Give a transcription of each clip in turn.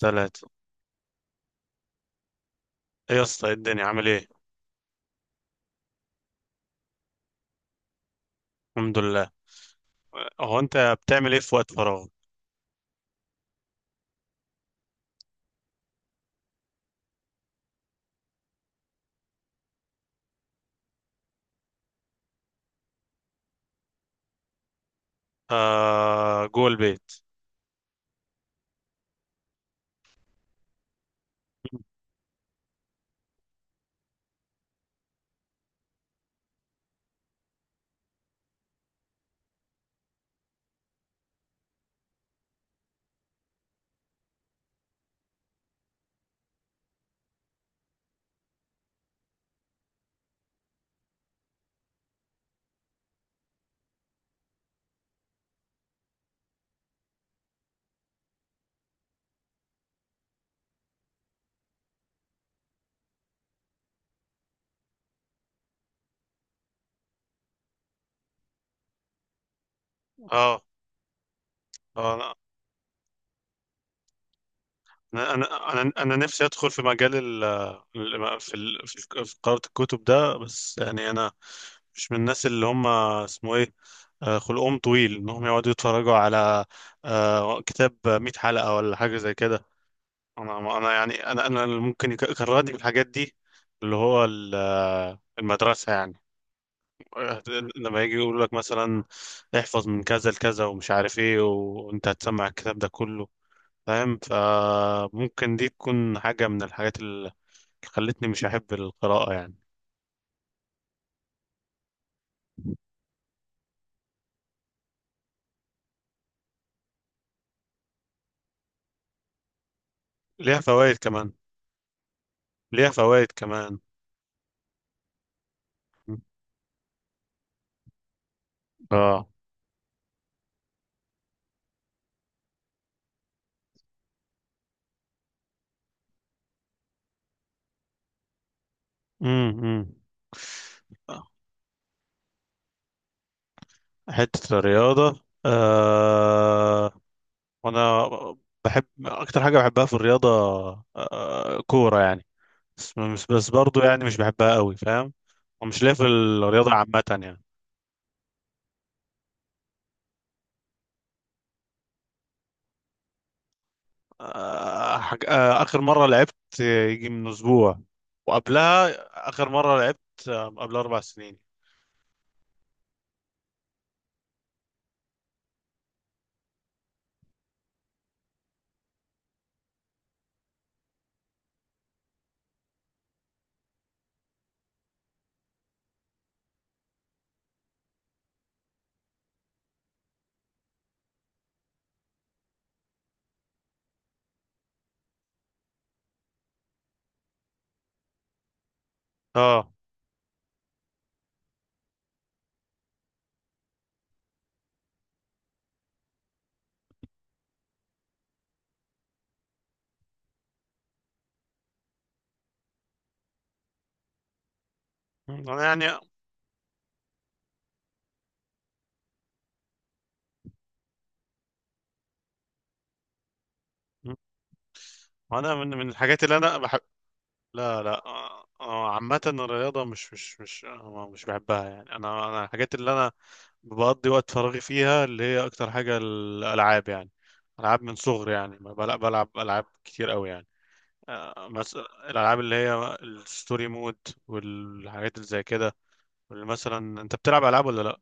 ثلاثة. ايه يا اسطى، إيه الدنيا؟ عامل ايه؟ الحمد لله. هو انت بتعمل ايه في وقت فراغ؟ آه، جوه البيت. اه. آه، انا نفسي ادخل في مجال ال ال- في ال- في في قراءة الكتب ده، بس يعني انا مش من الناس اللي هم اسمه ايه خلقهم طويل انهم يقعدوا يتفرجوا على كتاب 100 حلقة ولا حاجة زي كده. انا يعني انا اللي ممكن يكرهني في الحاجات دي، اللي هو المدرسة يعني. آه، لما يجي يقول لك مثلا احفظ من كذا لكذا ومش عارف ايه، وانت هتسمع الكتاب ده كله، فاهم؟ فممكن دي تكون حاجة من الحاجات اللي خلتني مش أحب القراءة يعني. ليها فوائد كمان. ليها فوائد كمان. اه. امم حتة الرياضة آه، وانا بحب اكتر حاجة بحبها في الرياضة آه، كورة يعني. بس برضو يعني مش بحبها قوي، فاهم؟ ومش ليا في الرياضة عامة يعني. آه، حاج... آه، آخر مرة لعبت يجي من أسبوع، وقبلها آخر مرة لعبت قبل أربع سنين. اه، أنا يعني أنا من من الحاجات اللي أنا بحب. لا لا آه، آه، عامة الرياضة مش بحبها يعني. أنا الحاجات اللي أنا بقضي وقت فراغي فيها اللي هي أكتر حاجة الألعاب يعني. ألعاب من صغري، يعني بلعب ألعاب كتير قوي يعني. الالعاب اللي هي الستوري مود والحاجات اللي زي كده. واللي مثلا انت بتلعب العاب ولا لا؟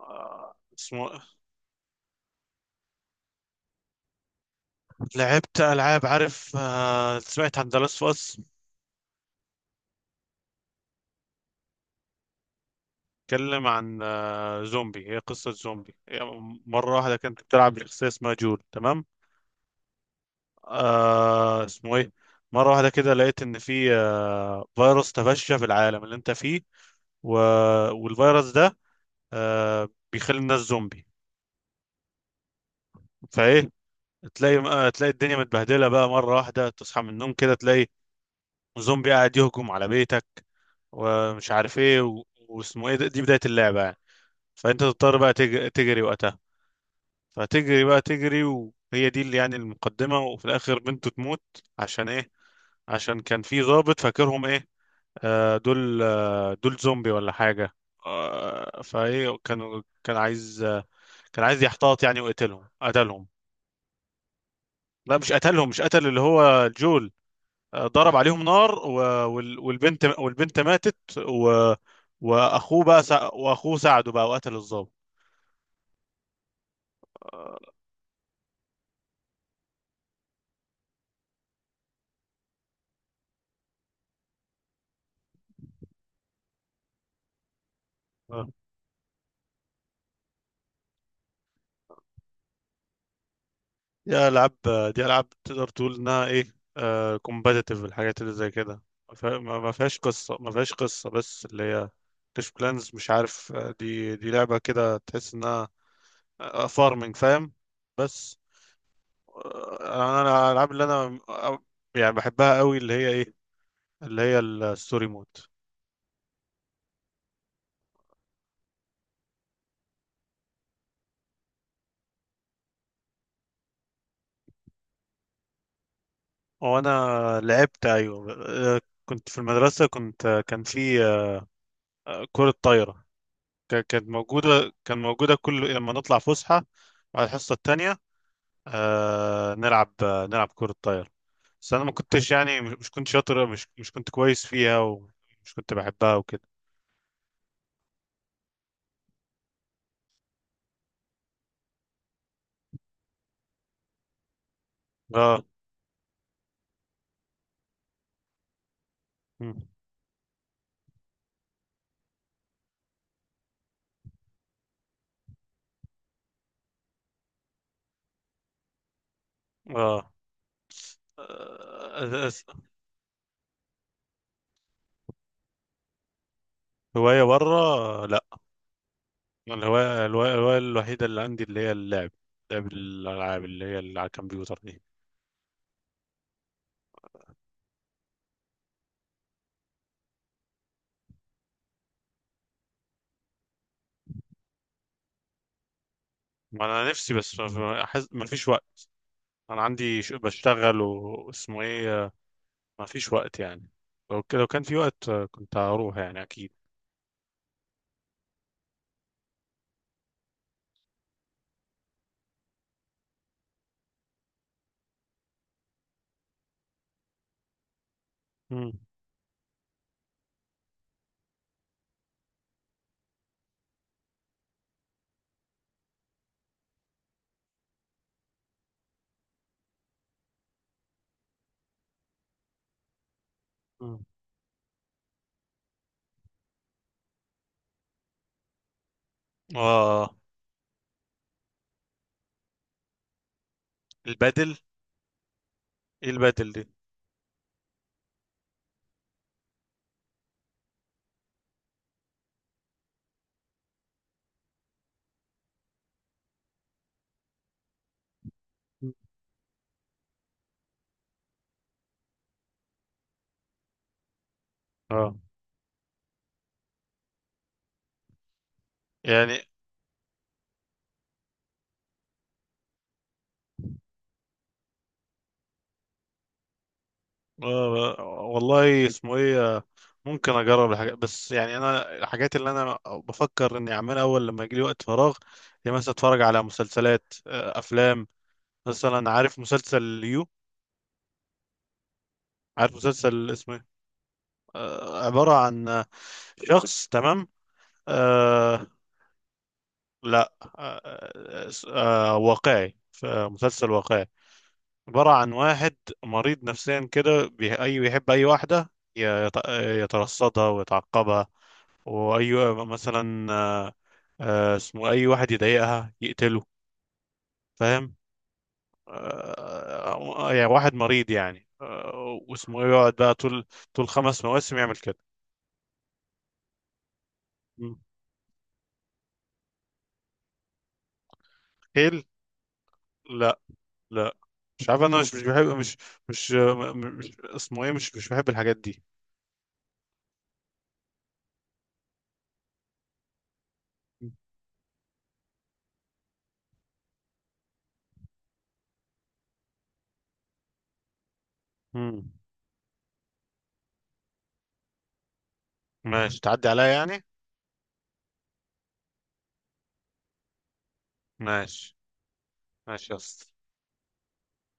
اسمه لعبت العاب، عارف، سمعت عن دلاس فاس؟ اتكلم عن زومبي، هي قصة زومبي. هي مرة واحدة كنت بتلعب بشخصية اسمها جول، تمام. آه اسمه ايه مرة واحدة كده لقيت ان في فيروس تفشى في العالم اللي انت فيه، و... والفيروس ده بيخلي الناس زومبي. فايه، تلاقي تلاقي الدنيا متبهدله بقى، مره واحده تصحى من النوم كده تلاقي زومبي قاعد يهجم على بيتك، ومش عارف ايه و... واسمه ايه ده- دي بدايه اللعبه يعني. فانت تضطر بقى تجري وقتها. فتجري بقى تجري وهي دي اللي يعني المقدمه، وفي الاخر بنته تموت. عشان ايه؟ عشان كان في ضابط، فاكرهم ايه، آه دول آه دول زومبي ولا حاجه. آه، فايه كان كان عايز آه، كان عايز يحتاط يعني ويقتلهم، قتلهم. لا، مش قتلهم، مش قتل اللي هو جول، ضرب عليهم نار والبنت، والبنت ماتت واخوه بقى واخوه ساعده بقى وقتل الضابط. آه. آه. دي العاب. دي العاب تقدر تقول انها ايه، كومبتيتيف، الحاجات اللي زي كده. ما فيهاش قصه ما فيهاش قصه، بس اللي هي كلاش بلانز، مش عارف. دي لعبه كده، تحس انها فارمنج، فاهم. بس آه، انا أنا الالعاب اللي انا يعني بحبها قوي اللي هي ايه، اللي هي الستوري مود. هو انا لعبت، ايوه، آه، كنت في المدرسه، كنت كان في كره طايره، كان موجوده كل لما نطلع فسحه على الحصه التانية نلعب كره طايره. بس انا ما كنتش يعني مش كنت كويس فيها، ومش كنت بحبها وكده. اه. مم. اه آه، أس- هوايه بره لا. الهوايه الهوايه الهواية الوحيده اللي عندي اللي هي اللعب، لعب الالعاب اللي هي اللي على الكمبيوتر دي. ما انا نفسي، بس ما فيش وقت. انا عندي بشتغل واسمه ايه ما فيش وقت يعني. لو كان في وقت كنت هروح يعني اكيد. مم. مم. اه. البدل؟ ايه البدل دي؟ اه، يعني آه. والله اسمه ايه ممكن اجرب الحاجات، بس يعني انا الحاجات اللي انا بفكر اني اعملها اول لما يجي لي وقت فراغ هي مثلا اتفرج على مسلسلات افلام. مثلا عارف مسلسل يو، عارف مسلسل اسمه إيه؟ عبارة عن شخص، تمام. آه. لا آه، واقعي، مسلسل واقعي. عبارة عن واحد مريض نفسيا كده، بي- أي بيحب أي واحدة يترصدها ويتعقبها، وأي مثلا آه، آه، اسمه أي واحد يضايقها يقتله، فاهم. يعني واحد مريض يعني واسمه إيه، يقعد بقى طول خمس مواسم يعمل كده. م. حيل؟ لا. لا، مش عارف، انا مش مش بحب، مش مش م- مش اسمه ايه مش مش بحب الحاجات دي. مم. ماشي، تعدي عليا يعني. ماشي. ماشي يا اسطى.